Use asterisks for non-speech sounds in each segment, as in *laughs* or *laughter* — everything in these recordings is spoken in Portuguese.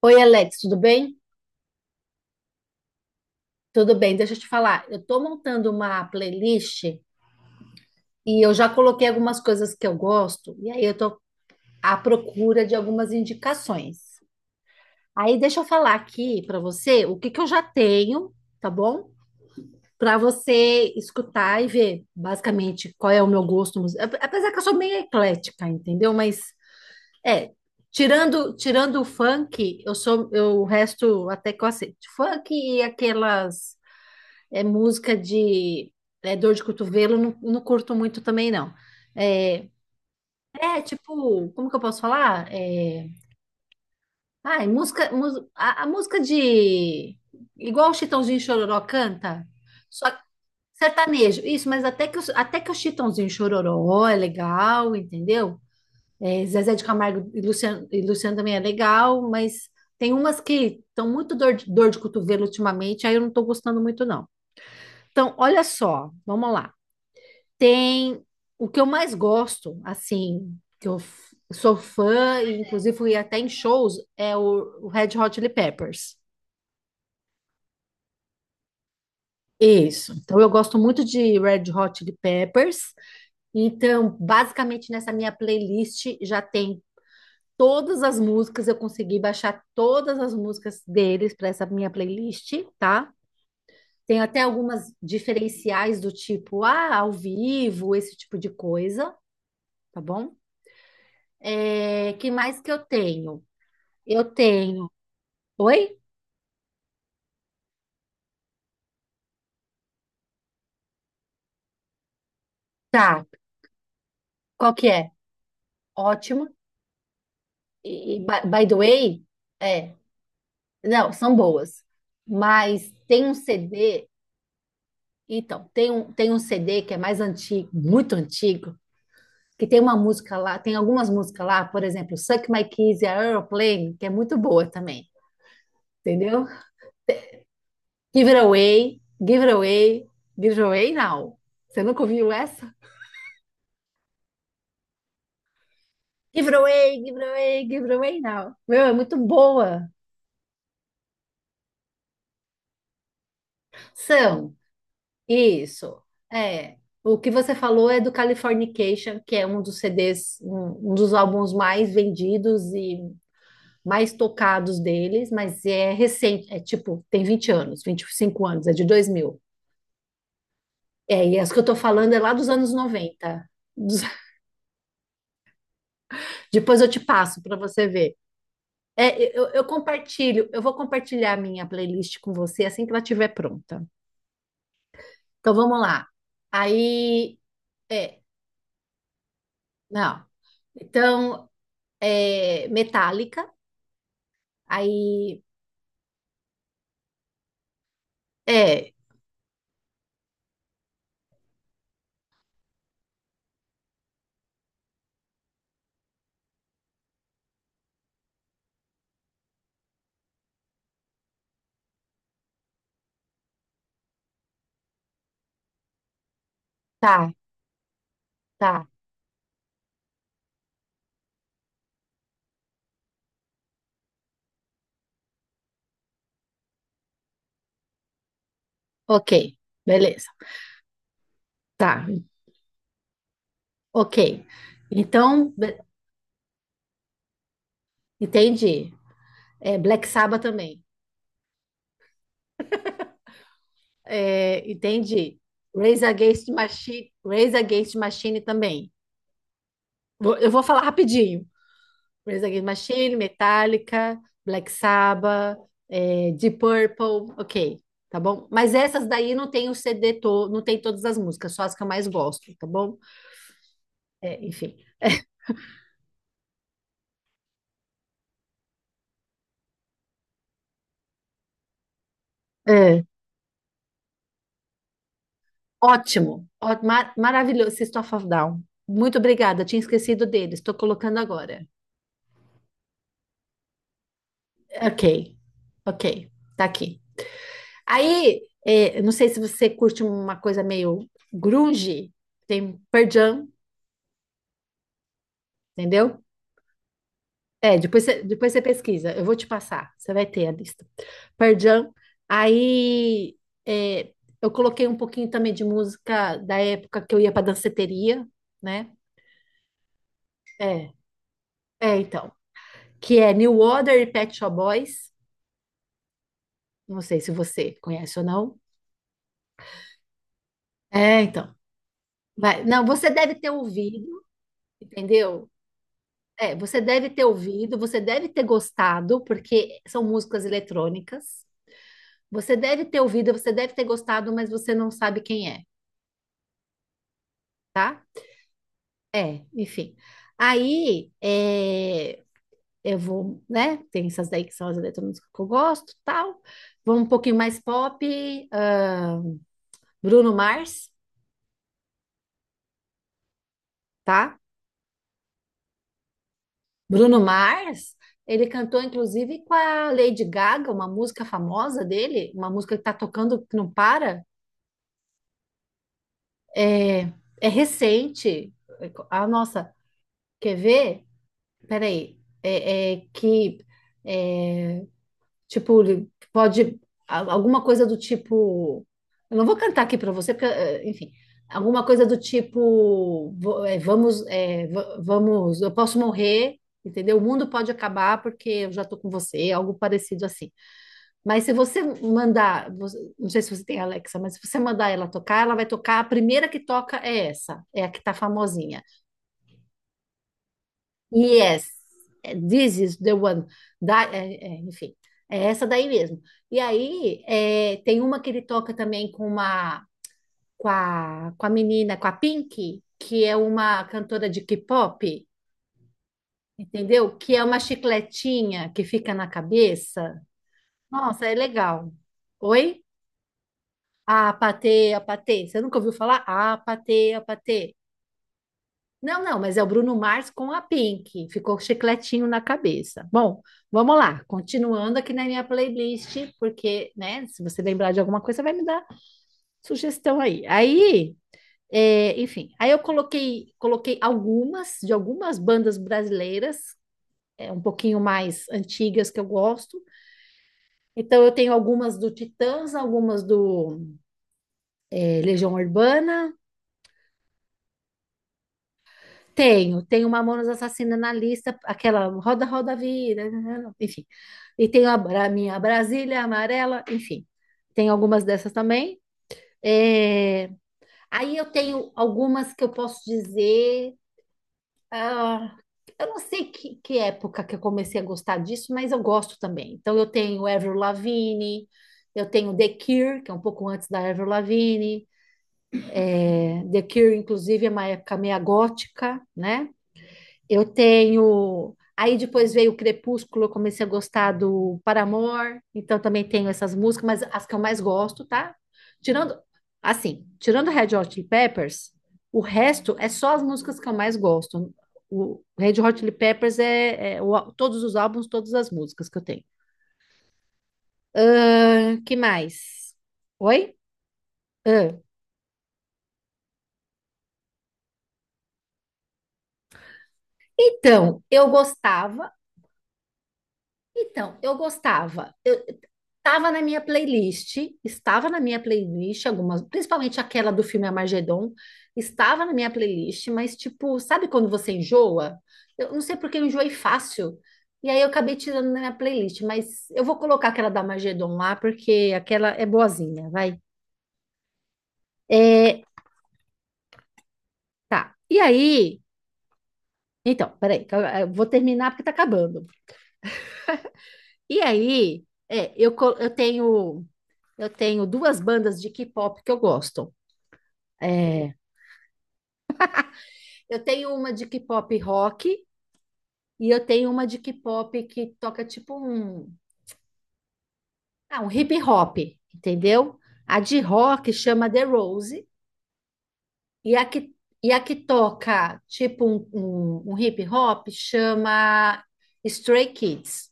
Oi, Alex, tudo bem? Tudo bem, deixa eu te falar. Eu tô montando uma playlist e eu já coloquei algumas coisas que eu gosto, e aí eu tô à procura de algumas indicações. Aí deixa eu falar aqui para você o que que eu já tenho, tá bom? Para você escutar e ver basicamente qual é o meu gosto musical. Apesar que eu sou meio eclética, entendeu? Mas é, tirando o funk, eu, o resto até que eu aceito. Funk e aquelas é música de dor de cotovelo, não, não curto muito também, não. É, tipo, como que eu posso falar? Ai, música, a música de. Igual o Chitãozinho e Chororó canta, só que sertanejo. Isso, mas até que o Chitãozinho e Chororó é legal, entendeu? Zezé de Camargo e Luciano, também é legal, mas tem umas que estão muito dor de cotovelo ultimamente, aí eu não estou gostando muito, não. Então, olha só, vamos lá. Tem o que eu mais gosto, assim, que sou fã, e inclusive fui até em shows, é o Red Hot Chili Peppers. Isso. Então eu gosto muito de Red Hot Chili Peppers. Então, basicamente nessa minha playlist já tem todas as músicas, eu consegui baixar todas as músicas deles para essa minha playlist, tá? Tem até algumas diferenciais do tipo, ao vivo, esse tipo de coisa, tá bom? Que mais que eu tenho? Eu tenho. Oi? Tá. Qual que é? Ótimo. E by the way, é. Não, são boas. Mas tem um CD. Então, tem um CD que é mais antigo, muito antigo, que tem uma música lá, tem algumas músicas lá, por exemplo, Suck My Kiss e Aeroplane, que é muito boa também. Entendeu? Give it away, give it away, give it away now. Você nunca ouviu essa? Give it away, give it away, give it away now. Meu, é muito boa. São. Isso. É. O que você falou é do Californication, que é um dos CDs, um dos álbuns mais vendidos e mais tocados deles, mas é recente, é tipo, tem 20 anos, 25 anos, é de 2000. E as que eu tô falando é lá dos anos 90. Dos- *laughs* Depois eu te passo para você ver. Eu eu vou compartilhar minha playlist com você assim que ela estiver pronta. Então vamos lá. Aí, é, não. Então, metálica. Aí, é, tá, tá, ok, beleza, tá, ok. Então, entendi. Black Sabbath também, entendi. Rage Against the Machine, Rage Against the Machine também. Eu vou falar rapidinho. Rage Against the Machine, Metallica, Black Sabbath, Deep Purple, ok, tá bom? Mas essas daí não tem o CD todo, não tem todas as músicas, só as que eu mais gosto, tá bom? Enfim. É. Ótimo, maravilhoso, System of a Down. Muito obrigada, tinha esquecido deles, estou colocando agora. Ok, ok, tá aqui. Aí, eu não sei se você curte uma coisa meio grunge, tem Pearl Jam, entendeu? Depois você pesquisa, eu vou te passar, você vai ter a lista. Pearl Jam, aí é, eu coloquei um pouquinho também de música da época que eu ia para danceteria, né? É, então, que é New Order e Pet Shop Boys. Não sei se você conhece ou não. É, então. Vai. Não, você deve ter ouvido, entendeu? Você deve ter ouvido, você deve ter gostado, porque são músicas eletrônicas. Você deve ter ouvido, você deve ter gostado, mas você não sabe quem é, tá? Enfim. Aí, eu vou, né? Tem essas daí que são as eletrônicas que eu gosto, tal. Vou um pouquinho mais pop, ahn, Bruno Mars, tá? Bruno Mars, ele cantou inclusive com a Lady Gaga, uma música famosa dele, uma música que tá tocando que não para. É, é recente. Ah, nossa, quer ver? Peraí. É, é que. é, Tipo, ele pode alguma coisa do tipo, eu não vou cantar aqui para você, porque, enfim, alguma coisa do tipo, vamos, eu posso morrer, entendeu? O mundo pode acabar porque eu já tô com você, algo parecido assim. Mas se você mandar, não sei se você tem Alexa, mas se você mandar ela tocar, ela vai tocar, a primeira que toca é essa, é a que tá famosinha. Yes, this is the one. Da, é, é, enfim, é essa daí mesmo. E aí tem uma que ele toca também com a menina, com a Pink, que é uma cantora de K-pop, entendeu? Que é uma chicletinha que fica na cabeça. Nossa, é legal. Oi? A patê, a patê. Você nunca ouviu falar? A patê, a patê. Não, não, mas é o Bruno Mars com a Pink. Ficou chicletinho na cabeça. Bom, vamos lá. Continuando aqui na minha playlist, porque, né, se você lembrar de alguma coisa, vai me dar sugestão aí. Aí, enfim, aí eu coloquei algumas de algumas bandas brasileiras, um pouquinho mais antigas que eu gosto. Então eu tenho algumas do Titãs, algumas do Legião Urbana. Tenho Mamonas Assassina na lista, aquela Roda, Roda, Vira, enfim. E tenho a minha Brasília Amarela, enfim. Tem algumas dessas também. É, Aí eu tenho algumas que eu posso dizer. ah, eu não sei que época que eu comecei a gostar disso, mas eu gosto também. Então eu tenho Avril Lavigne, eu tenho The Cure, que é um pouco antes da Avril Lavigne. The Cure, inclusive, é uma época meia gótica, né? Eu tenho. Aí depois veio o Crepúsculo, eu comecei a gostar do Paramore, então também tenho essas músicas, mas as que eu mais gosto, tá? Tirando, tirando Red Hot Chili Peppers, o resto é só as músicas que eu mais gosto. O Red Hot Chili Peppers é todos os álbuns, todas as músicas que eu tenho. Que mais? Oi? Ahn. Então, eu gostava. Então, eu gostava Estava na minha playlist, algumas, principalmente aquela do filme Armagedon, estava na minha playlist, mas tipo, sabe quando você enjoa? Eu não sei porque eu enjoei fácil. E aí eu acabei tirando da minha playlist, mas eu vou colocar aquela da Armagedon lá, porque aquela é boazinha, vai. É, tá. E aí, então, peraí, que eu vou terminar porque tá acabando. E aí, eu tenho duas bandas de K-pop que eu gosto. É, Eu tenho uma de K-pop rock e eu tenho uma de K-pop que toca tipo um hip hop, entendeu? A de rock chama The Rose e a que toca tipo um hip hop chama Stray Kids.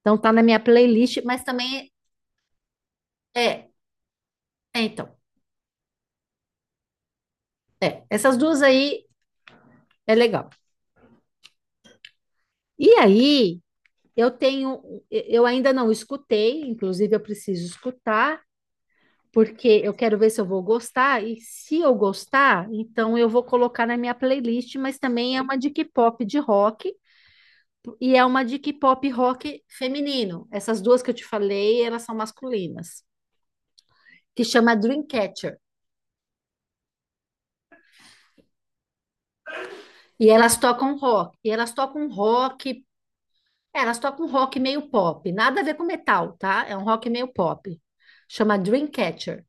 Então tá na minha playlist, mas também é, é então, essas duas aí é legal. E aí, eu tenho, eu ainda não escutei, inclusive eu preciso escutar, porque eu quero ver se eu vou gostar, e se eu gostar, então eu vou colocar na minha playlist, mas também é uma de K-pop de rock, e é uma de K-pop rock feminino. Essas duas que eu te falei, elas são masculinas, que chama Dreamcatcher. E elas tocam rock, e elas tocam rock, Elas tocam rock meio pop, nada a ver com metal, tá? É um rock meio pop. Chama Dreamcatcher.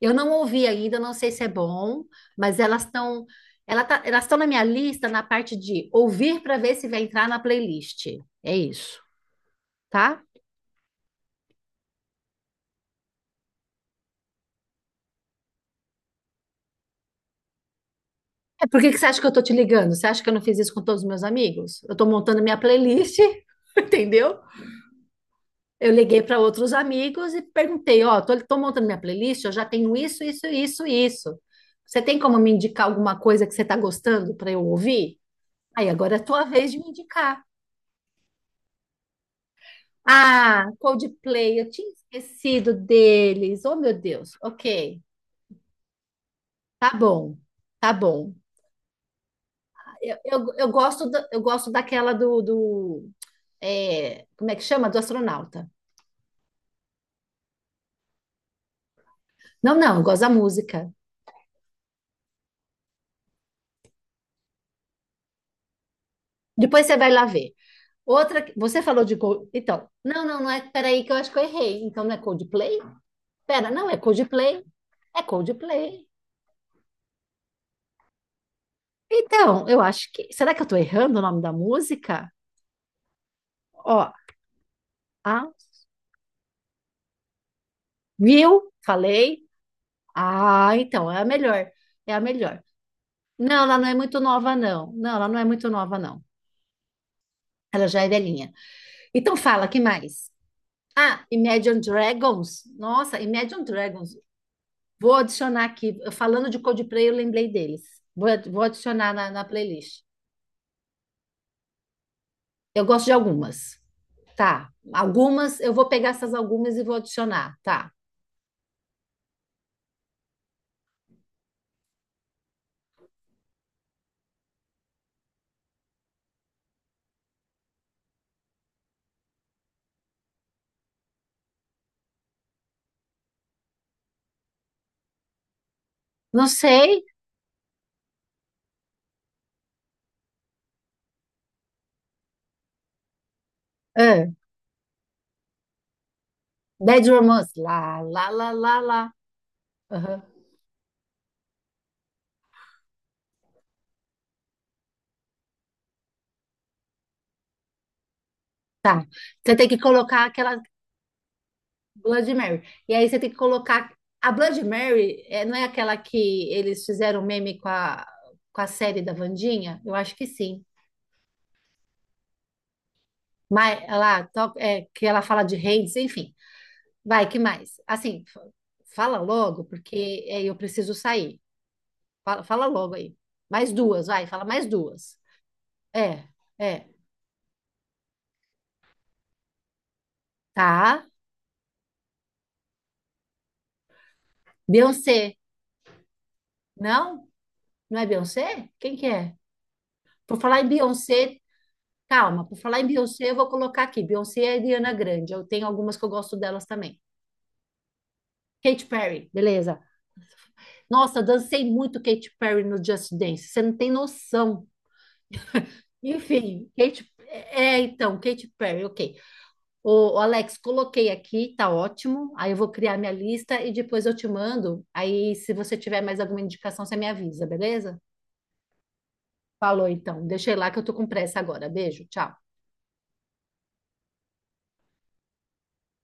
Eu não ouvi ainda, não sei se é bom, mas elas estão na minha lista na parte de ouvir para ver se vai entrar na playlist. É isso, tá? Por que que você acha que eu tô te ligando? Você acha que eu não fiz isso com todos os meus amigos? Eu tô montando minha playlist, *laughs* entendeu? Eu liguei para outros amigos e perguntei, ó, tô montando minha playlist, eu já tenho isso, isso, isso, isso. Você tem como me indicar alguma coisa que você tá gostando para eu ouvir? Aí agora é a tua vez de me indicar. Ah, Coldplay, eu tinha esquecido deles. Oh, meu Deus. Ok, tá bom, tá bom. Eu gosto daquela do como é que chama? Do astronauta. Não, não, eu gosto da música. Depois você vai lá ver. Outra, você falou de Cold, então, não, não, não é, peraí que eu acho que eu errei. Então não é Coldplay? Pera, não, é Coldplay. É Coldplay. Então, eu acho que, será que eu tô errando o nome da música? Ó, ah, viu? Falei. Ah, então, é a melhor. É a melhor. Não, ela não é muito nova, não. Não, ela não é muito nova, não. Ela já é velhinha. Então fala, que mais? Ah, Imagine Dragons. Nossa, Imagine Dragons. Vou adicionar aqui. Falando de Coldplay, eu lembrei deles. Vou adicionar na playlist. Eu gosto de algumas. Tá. Algumas, eu vou pegar essas algumas e vou adicionar. Tá. Não sei. Ah, Bad Romance. Lá, lá, lá, lá, lá. Aham. Você tem que colocar aquela Blood Mary. E aí você tem que colocar. A Blood Mary não é aquela que eles fizeram meme com a série da Wandinha? Eu acho que sim. Mas ela, que ela fala de reis, enfim. Vai, que mais? Assim, fala logo, porque eu preciso sair. Fala logo aí. Mais duas, vai, fala mais duas. É, é. Tá. Beyoncé. Não? Não é Beyoncé? Quem que é? Por falar em Beyoncé, Calma, por falar em Beyoncé, eu vou colocar aqui. Beyoncé e Ariana Grande. Eu tenho algumas que eu gosto delas também. Katy Perry, beleza. Nossa, eu dancei muito Katy Perry no Just Dance. Você não tem noção. Enfim, Katy... É, é, então, Katy Perry, ok. O, Alex, coloquei aqui, tá ótimo. Aí eu vou criar minha lista e depois eu te mando. Aí, se você tiver mais alguma indicação, você me avisa, beleza? Falou, então. Deixei lá que eu tô com pressa agora. Beijo, tchau.